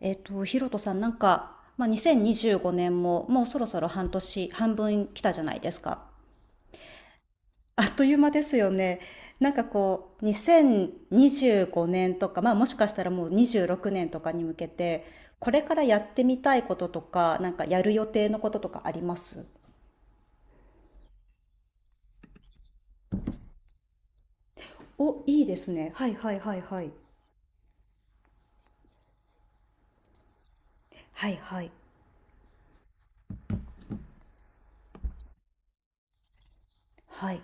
ヒロトさん、2025年ももうそろそろ半年、半分来たじゃないですか。あっという間ですよね。なんかこう、2025年とか、まあ、もしかしたらもう26年とかに向けて、これからやってみたいこととか、なんかやる予定のこととかあります？お、いいですね。はいはいはいはい。はいはい。はい。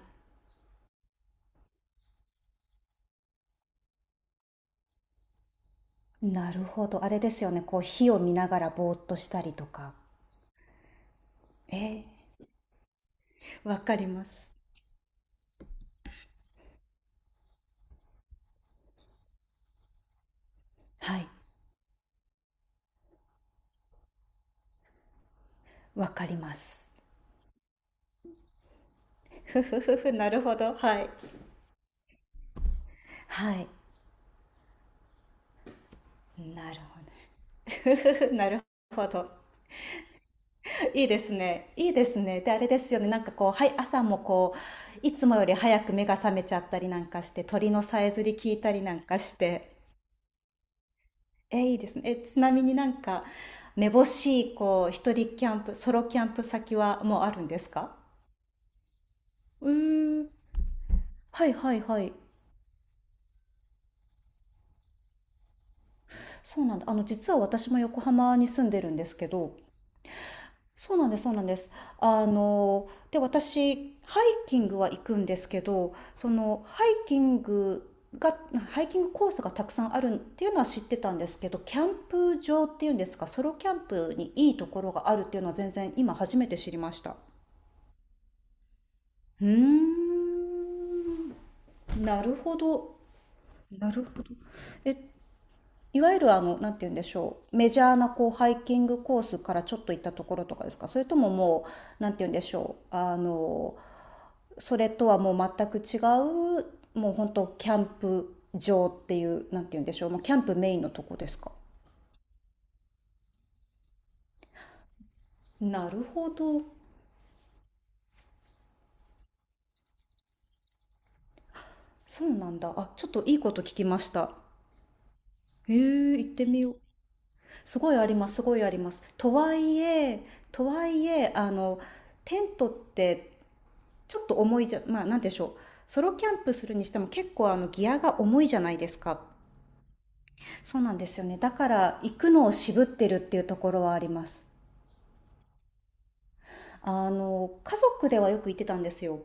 なるほど。あれですよね。こう、火を見ながらぼーっとしたりとか。えーわかります。はい。わかります。ふふふふ、なるほど。はい。はい、なるほど。ふふふ なるほど。いいですね、いいですね。であれですよね、なんかこう、はい、朝もこういつもより早く目が覚めちゃったりなんかして、鳥のさえずり聞いたりなんかして。いいですね。ちなみになんか、めぼしいこう一人キャンプ、ソロキャンプ先はもうあるんですか？うーん、はいはいはい。そうなんだ。あの、実は私も横浜に住んでるんですけど。そうなんです、そうなんです。あの、で、私、ハイキングは行くんですけど、その、が、ハイキングコースがたくさんあるっていうのは知ってたんですけど、キャンプ場っていうんですか、ソロキャンプにいいところがあるっていうのは全然今初めて知りました。うーん、なるほど。なるほど。え、いわゆるあの、なんて言うんでしょう。メジャーなこうハイキングコースからちょっと行ったところとかですか？それとももう、なんて言うんでしょう。あの、それとはもう全く違う、もう本当キャンプ場っていう、なんて言うんでしょう、もうキャンプメインのとこですか？なるほど。そうなんだ。あ、ちょっといいこと聞きました。へえ、行ってみよう。すごいあります、すごいあります。とはいえ、とはいえあの、テントってちょっと重いじゃ、まあなんでしょう、ソロキャンプするにしても結構あのギアが重いじゃないですか。そうなんですよね、だから行くのを渋ってるっていうところはあります。あの、家族ではよく行ってたんですよ。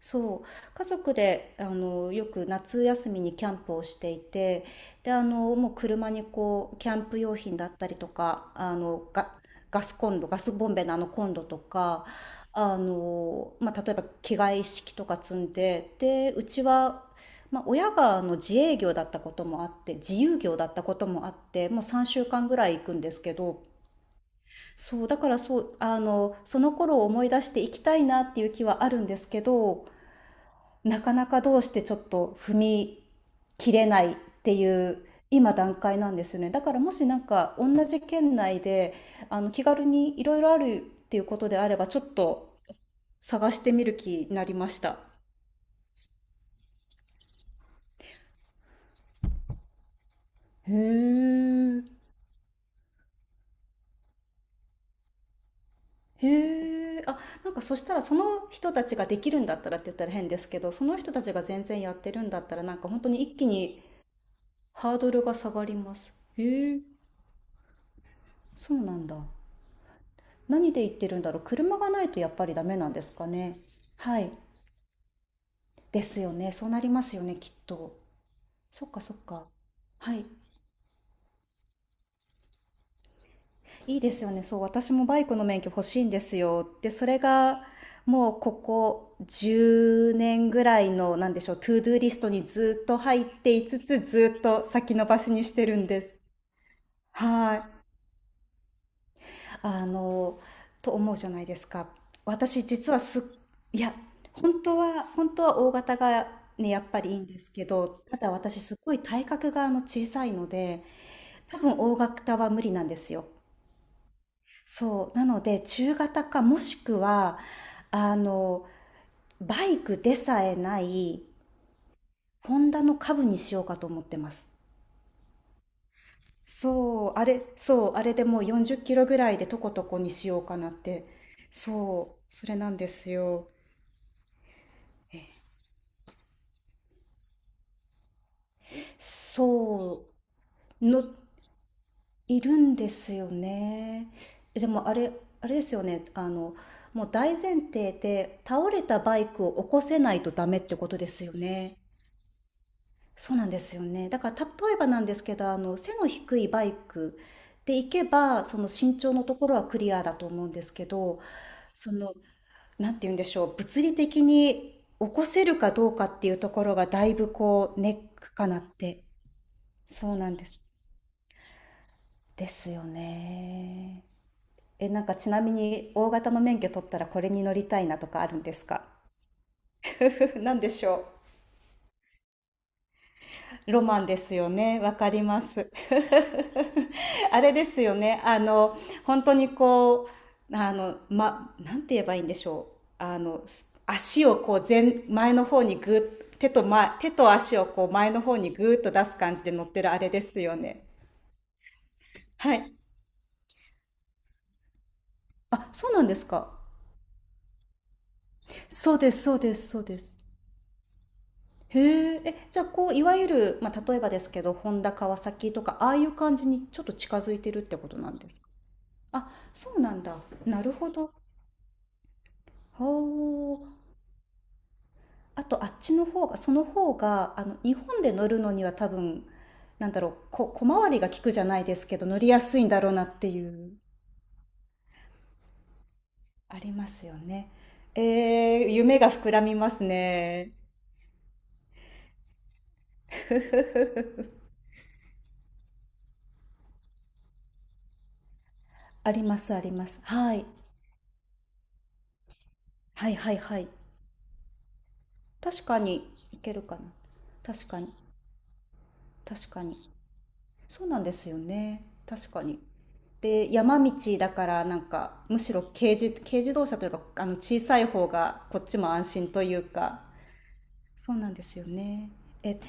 そう。家族で、あの、よく夏休みにキャンプをしていて、で、あの、もう車にこう、キャンプ用品だったりとか、ガスコンロ、ガスボンベのあのコンロとか、あの、まあ、例えば着替え一式とか積んで、で、うちは、まあ、親があの自営業だったこともあって、自由業だったこともあって、もう3週間ぐらい行くんですけど、そう、だからそう、あの、その頃を思い出していきたいなっていう気はあるんですけど、なかなかどうしてちょっと踏み切れないっていう今段階なんですよね。だからもしなんか同じ県内で、あの、気軽にいろいろあるっていうことであれば、ちょっと探してみる気になりました。へえ。へえ、あ、なんかそしたらその人たちができるんだったらって言ったら変ですけど、その人たちが全然やってるんだったらなんか本当に一気にハードルが下がります。へえ、そうなんだ。何で言ってるんだろう。車がないとやっぱりダメなんですかね。はい。ですよね。そうなりますよね、きっと。そっかそっか。はい。いいですよね。そう、私もバイクの免許欲しいんですよ。で、それがもうここ10年ぐらいの、なんでしょう、トゥードゥーリストにずっと入っていつつ、ずっと先延ばしにしてるんです。はい。あのと思うじゃないですか。私実はすっ、いや、本当は大型がね、やっぱりいいんですけど、ただ私すごい体格があの小さいので、多分大型は無理なんですよ。そうなので中型か、もしくはあの、バイクでさえない、ホンダの株にしようかと思ってます。そう、あれ、そう、あれでもう40キロぐらいでとことこにしようかなって。そう、それなんですよ。そう、の、いるんですよね。でもあれ、あれですよね。あの、もう大前提で倒れたバイクを起こせないとダメってことですよね。そうなんですよね。だから例えばなんですけど、あの、背の低いバイクで行けば、その身長のところはクリアだと思うんですけど、その、なんて言うんでしょう、物理的に起こせるかどうかっていうところがだいぶこうネックかなって。そうなんです。ですよね。え、なんかちなみに大型の免許取ったらこれに乗りたいなとかあるんですか？ 何でしょう？ロマンですよね。わかります。あれですよね。あの、本当にこう、あの、ま、なんて言えばいいんでしょう。足をこう前の方にぐー、手と足をこう前の方にぐーっと出す感じで乗ってるあれですよね。はい。あ、そうなんですか。そうです、そうです、そうです。へえ、え、じゃあこういわゆる、まあ、例えばですけど、ホンダ、川崎とかああいう感じにちょっと近づいてるってことなんですか？あ、そうなんだ。なるほど。ほう。あとあっちの方が、その方があの日本で乗るのには多分、なんだろう、こ、小回りが利くじゃないですけど、乗りやすいんだろうなっていう。ありますよね。えー夢が膨らみますね。ふふふふ、ありますあります。はい。はいはいはい。確かにいけるかな。確かに。確かに、そうなんですよね、確かに。で山道だからなんかむしろ軽自動車というかあの小さい方がこっちも安心というか。そうなんですよね。え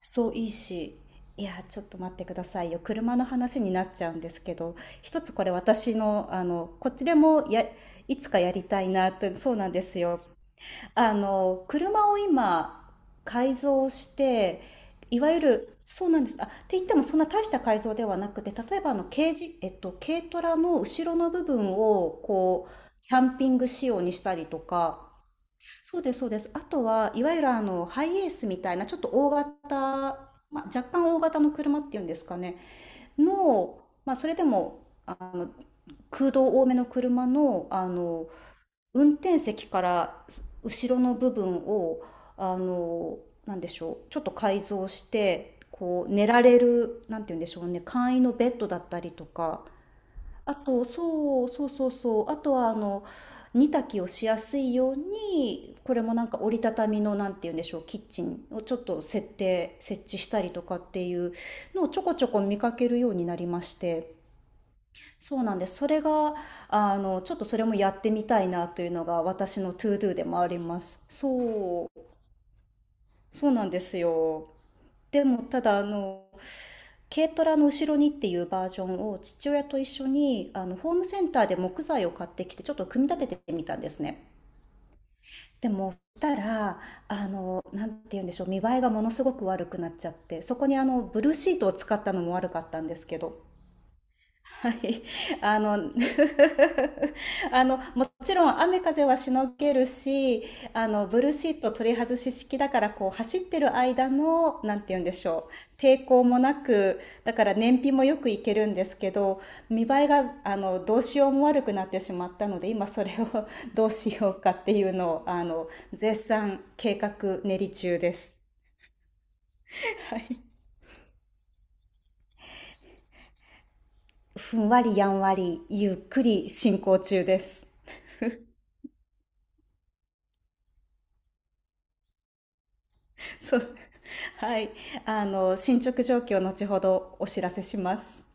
そう、いいし。いやちょっと待ってくださいよ、車の話になっちゃうんですけど、一つこれ私のあのこっちでもや、いつかやりたいなと。そうなんですよ、あの、車を今、改造して、いわゆる、そうなんです。あ、って言ってもそんな大した改造ではなくて、例えばあの、軽自、えっと、軽トラの後ろの部分を、こう、キャンピング仕様にしたりとか、そうです、そうです。あとは、いわゆるあの、ハイエースみたいな、ちょっと大型、まあ、若干大型の車っていうんですかね、の、まあ、それでも、あの、空洞多めの車の、あの、運転席から後ろの部分を、あの、なんでしょう、ちょっと改造して、こう、寝られる、なんて言うんでしょうね、簡易のベッドだったりとか、あと、そうそうそうそう、あとは、あの、煮炊きをしやすいように、これもなんか折りたたみの、なんて言うんでしょう、キッチンをちょっと設置したりとかっていうのをちょこちょこ見かけるようになりまして、そうなんです。それが、あの、ちょっとそれもやってみたいなというのが私のトゥードゥでもあります。そう、そうなんですよ。でも、ただ、あの、軽トラの後ろにっていうバージョンを父親と一緒に、あの、ホームセンターで木材を買ってきて、ちょっと組み立ててみたんですね。でも、したら、あの、なんて言うんでしょう、見栄えがものすごく悪くなっちゃって、そこにあの、ブルーシートを使ったのも悪かったんですけど、はい。あの あの、もちろん雨風はしのげるし、あの、ブルーシート取り外し式だから、こう、走ってる間の、なんて言うんでしょう、抵抗もなく、だから燃費もよくいけるんですけど、見栄えが、あの、どうしようも悪くなってしまったので、今それを どうしようかっていうのを、あの、絶賛計画練り中です。はい。ふんわりやんわり、ゆっくり進行中です。そう。はい。あの、進捗状況、を後ほどお知らせします。